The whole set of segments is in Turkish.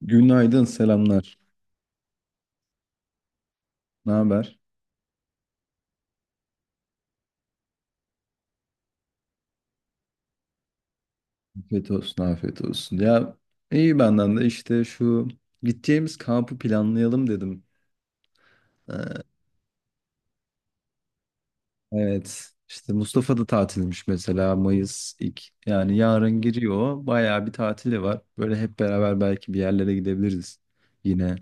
Günaydın, selamlar. Ne haber? Afiyet olsun, afiyet olsun. Ya iyi benden de işte şu gideceğimiz kampı planlayalım dedim. Evet, işte Mustafa da tatilmiş mesela Mayıs ilk yani yarın giriyor. Bayağı bir tatili var. Böyle hep beraber belki bir yerlere gidebiliriz yine.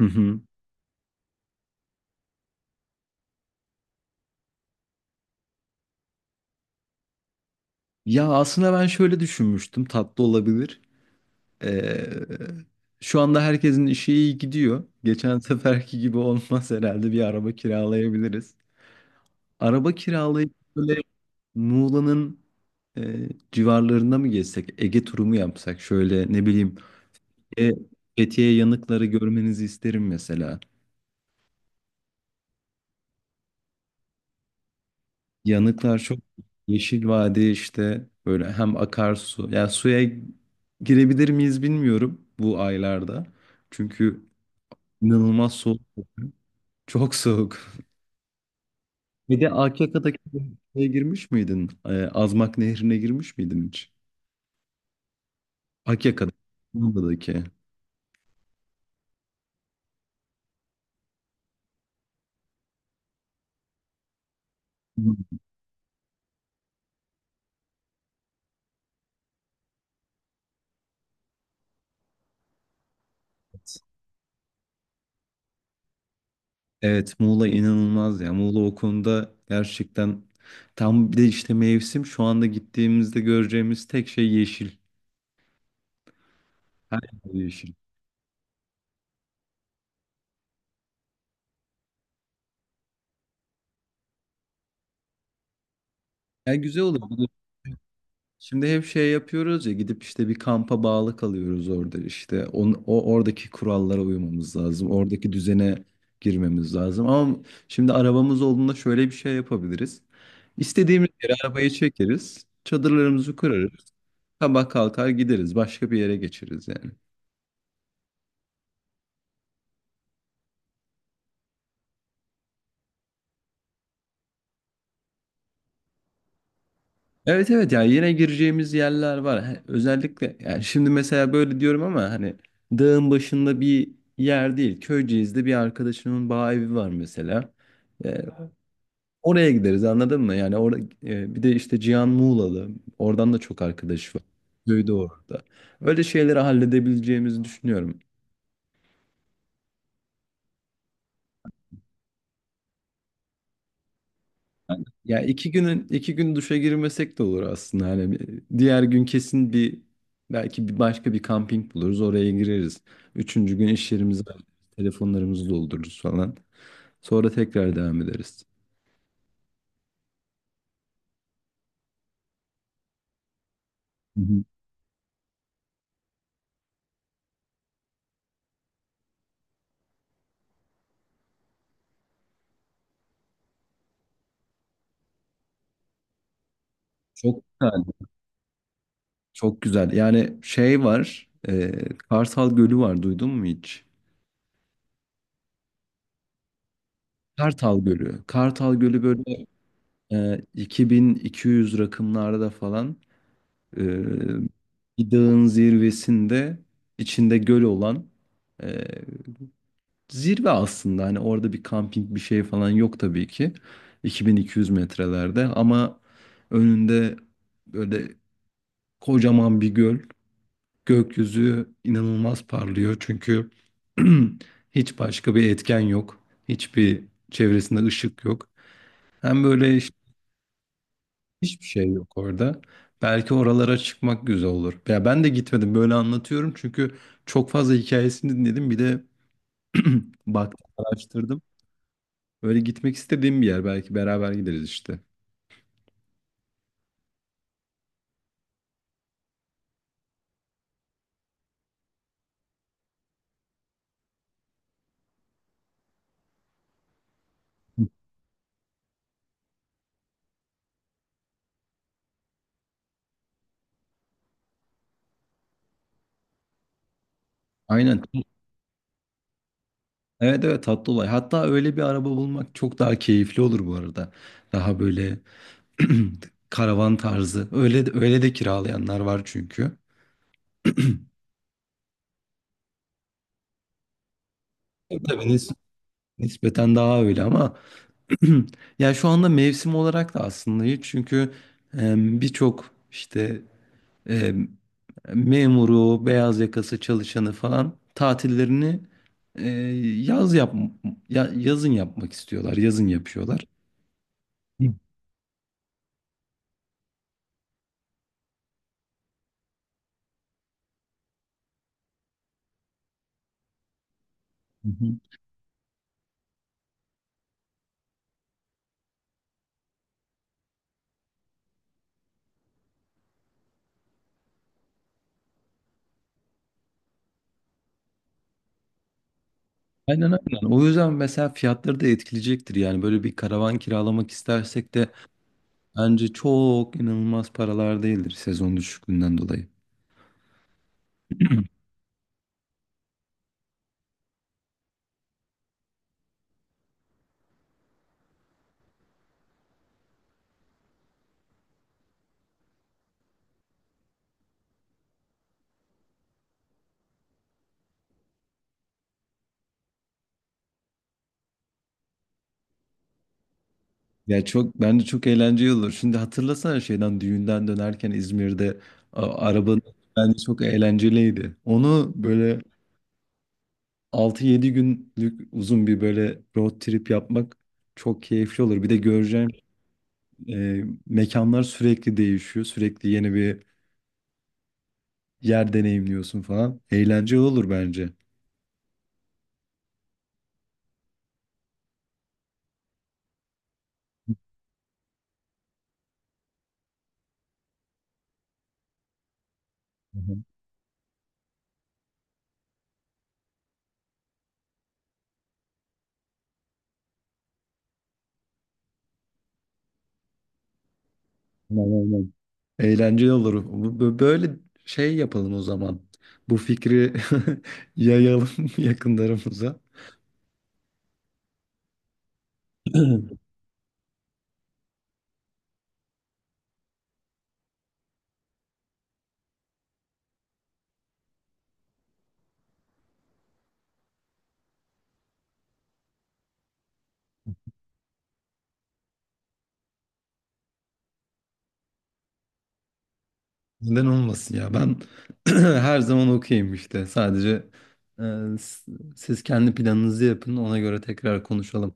Hı hı. Ya aslında ben şöyle düşünmüştüm, tatlı olabilir. Ee, Şu anda herkesin işi iyi gidiyor. Geçen seferki gibi olmaz herhalde bir araba kiralayabiliriz. Araba kiralayıp böyle Muğla'nın civarlarında mı gezsek? Ege turu mu yapsak? Şöyle ne bileyim. E, Fethiye yanıkları görmenizi isterim mesela. Yanıklar çok yeşil vadi işte böyle hem akarsu. Ya suya girebilir miyiz bilmiyorum bu aylarda. Çünkü inanılmaz soğuk. Çok soğuk. Bir de Akyaka'daki şeye girmiş miydin? Azmak Nehri'ne girmiş miydin hiç? Akyaka'daki. Evet Muğla inanılmaz ya. Muğla o konuda gerçekten tam bir de işte mevsim şu anda gittiğimizde göreceğimiz tek şey yeşil. Her yer yeşil. Ya güzel olur. Bir de şimdi hep şey yapıyoruz ya gidip işte bir kampa bağlı kalıyoruz orada işte. O oradaki kurallara uymamız lazım. Oradaki düzene girmemiz lazım. Ama şimdi arabamız olduğunda şöyle bir şey yapabiliriz. İstediğimiz yere arabayı çekeriz. Çadırlarımızı kurarız. Sabah kalkar gideriz. Başka bir yere geçeriz yani. Evet ya yine gireceğimiz yerler var. Özellikle yani şimdi mesela böyle diyorum ama hani dağın başında bir yer değil. Köyceğiz'de bir arkadaşımın bağ evi var mesela. Ee, Oraya gideriz anladın mı? Yani orada bir de işte Cihan Muğla'lı. Oradan da çok arkadaş var. Köyde orada. Öyle şeyleri halledebileceğimizi düşünüyorum. Yani ya iki günün iki gün duşa girmesek de olur aslında. Hani diğer gün kesin bir belki bir başka bir kamping buluruz oraya gireriz. Üçüncü gün iş yerimizi hallederiz, telefonlarımızı doldururuz falan. Sonra tekrar devam ederiz. Hı hı. Çok güzel, çok güzel. Yani şey var, Kartal Gölü var. Duydun mu hiç? Kartal Gölü. Kartal Gölü böyle 2200 rakımlarda falan. Ee, Bir dağın zirvesinde içinde göl olan e, zirve aslında hani orada bir kamping bir şey falan yok tabii ki 2200 metrelerde ama önünde böyle kocaman bir göl, gökyüzü inanılmaz parlıyor çünkü hiç başka bir etken yok, hiçbir çevresinde ışık yok, hem böyle hiçbir şey yok orada. Belki oralara çıkmak güzel olur. Ya ben de gitmedim böyle anlatıyorum çünkü çok fazla hikayesini dinledim. Bir de baktım, araştırdım. Böyle gitmek istediğim bir yer. Belki beraber gideriz işte. Aynen. Evet tatlı olay. Hatta öyle bir araba bulmak çok daha keyifli olur bu arada. Daha böyle karavan tarzı. Öyle de kiralayanlar var çünkü. Tabii, nispeten daha öyle ama ya şu anda mevsim olarak da aslında hiç çünkü e, birçok işte e, memuru, beyaz yakası çalışanı falan tatillerini e, yaz yap yazın yapmak istiyorlar. Yazın yapıyorlar. Hı hı. Aynen. O yüzden mesela fiyatları da etkileyecektir. Yani böyle bir karavan kiralamak istersek de bence çok inanılmaz paralar değildir sezon düşüklüğünden dolayı. Ya çok bence çok eğlenceli olur. Şimdi hatırlasana şeyden düğünden dönerken İzmir'de arabanın bence çok eğlenceliydi. Onu böyle altı yedi günlük uzun bir böyle road trip yapmak çok keyifli olur. Bir de göreceğim mekanlar sürekli değişiyor. Sürekli yeni bir yer deneyimliyorsun falan. Eğlenceli olur bence. Aynen, aynen. Eğlenceli olur. Böyle şey yapalım o zaman. Bu fikri yayalım yakınlarımıza. Neden olmasın ya? Ben her zaman okeyim işte. Sadece e, siz kendi planınızı yapın. Ona göre tekrar konuşalım.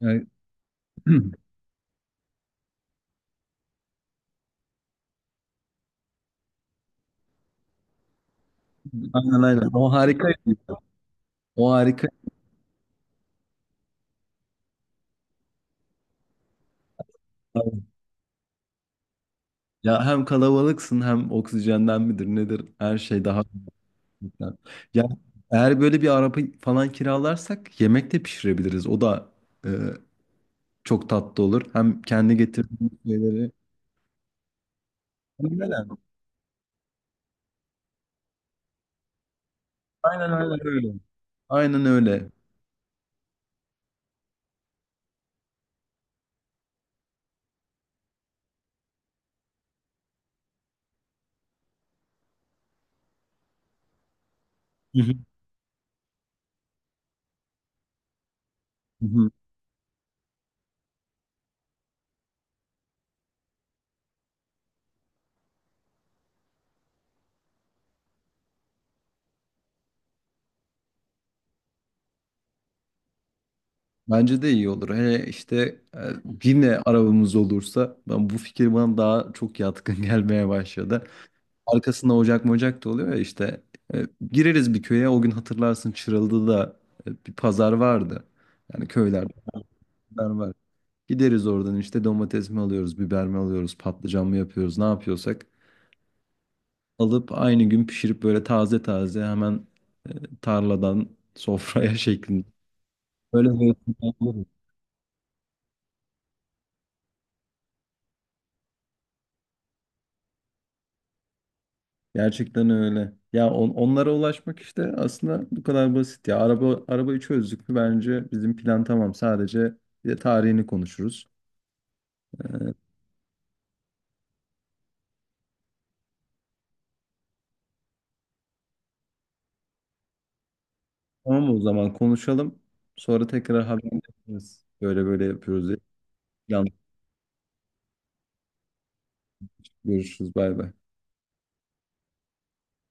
Yani, aynen. O harika. O harika. Ya hem kalabalıksın hem oksijenden midir nedir? Her şey daha ya ya eğer böyle bir araba falan kiralarsak yemek de pişirebiliriz. O da e, çok tatlı olur. Hem kendi getirdiğimiz şeyleri. Aynen, aynen öyle. Aynen öyle. Hı hı. Hı hı. Bence de iyi olur. Hele işte e, yine arabamız olursa ben bu fikir bana daha çok yatkın gelmeye başladı. Arkasında ocak mocak da oluyor ya işte E, gireriz bir köye o gün hatırlarsın Çıralı'da da bir pazar vardı. Yani köylerde pazar var. Gideriz oradan işte domates mi alıyoruz, biber mi alıyoruz, patlıcan mı yapıyoruz, ne yapıyorsak alıp aynı gün pişirip böyle taze taze hemen e, tarladan sofraya şeklinde. Böyle böyle- Gerçekten öyle. Ya onlara ulaşmak işte aslında bu kadar basit ya. Araba arabayı çözdük mü bence bizim plan tamam. Sadece bir de tarihini konuşuruz. Ee, tamam o zaman konuşalım. Sonra tekrar haberleşiriz. Böyle böyle yapıyoruz diye. Yanlış görüşürüz. Bay bay.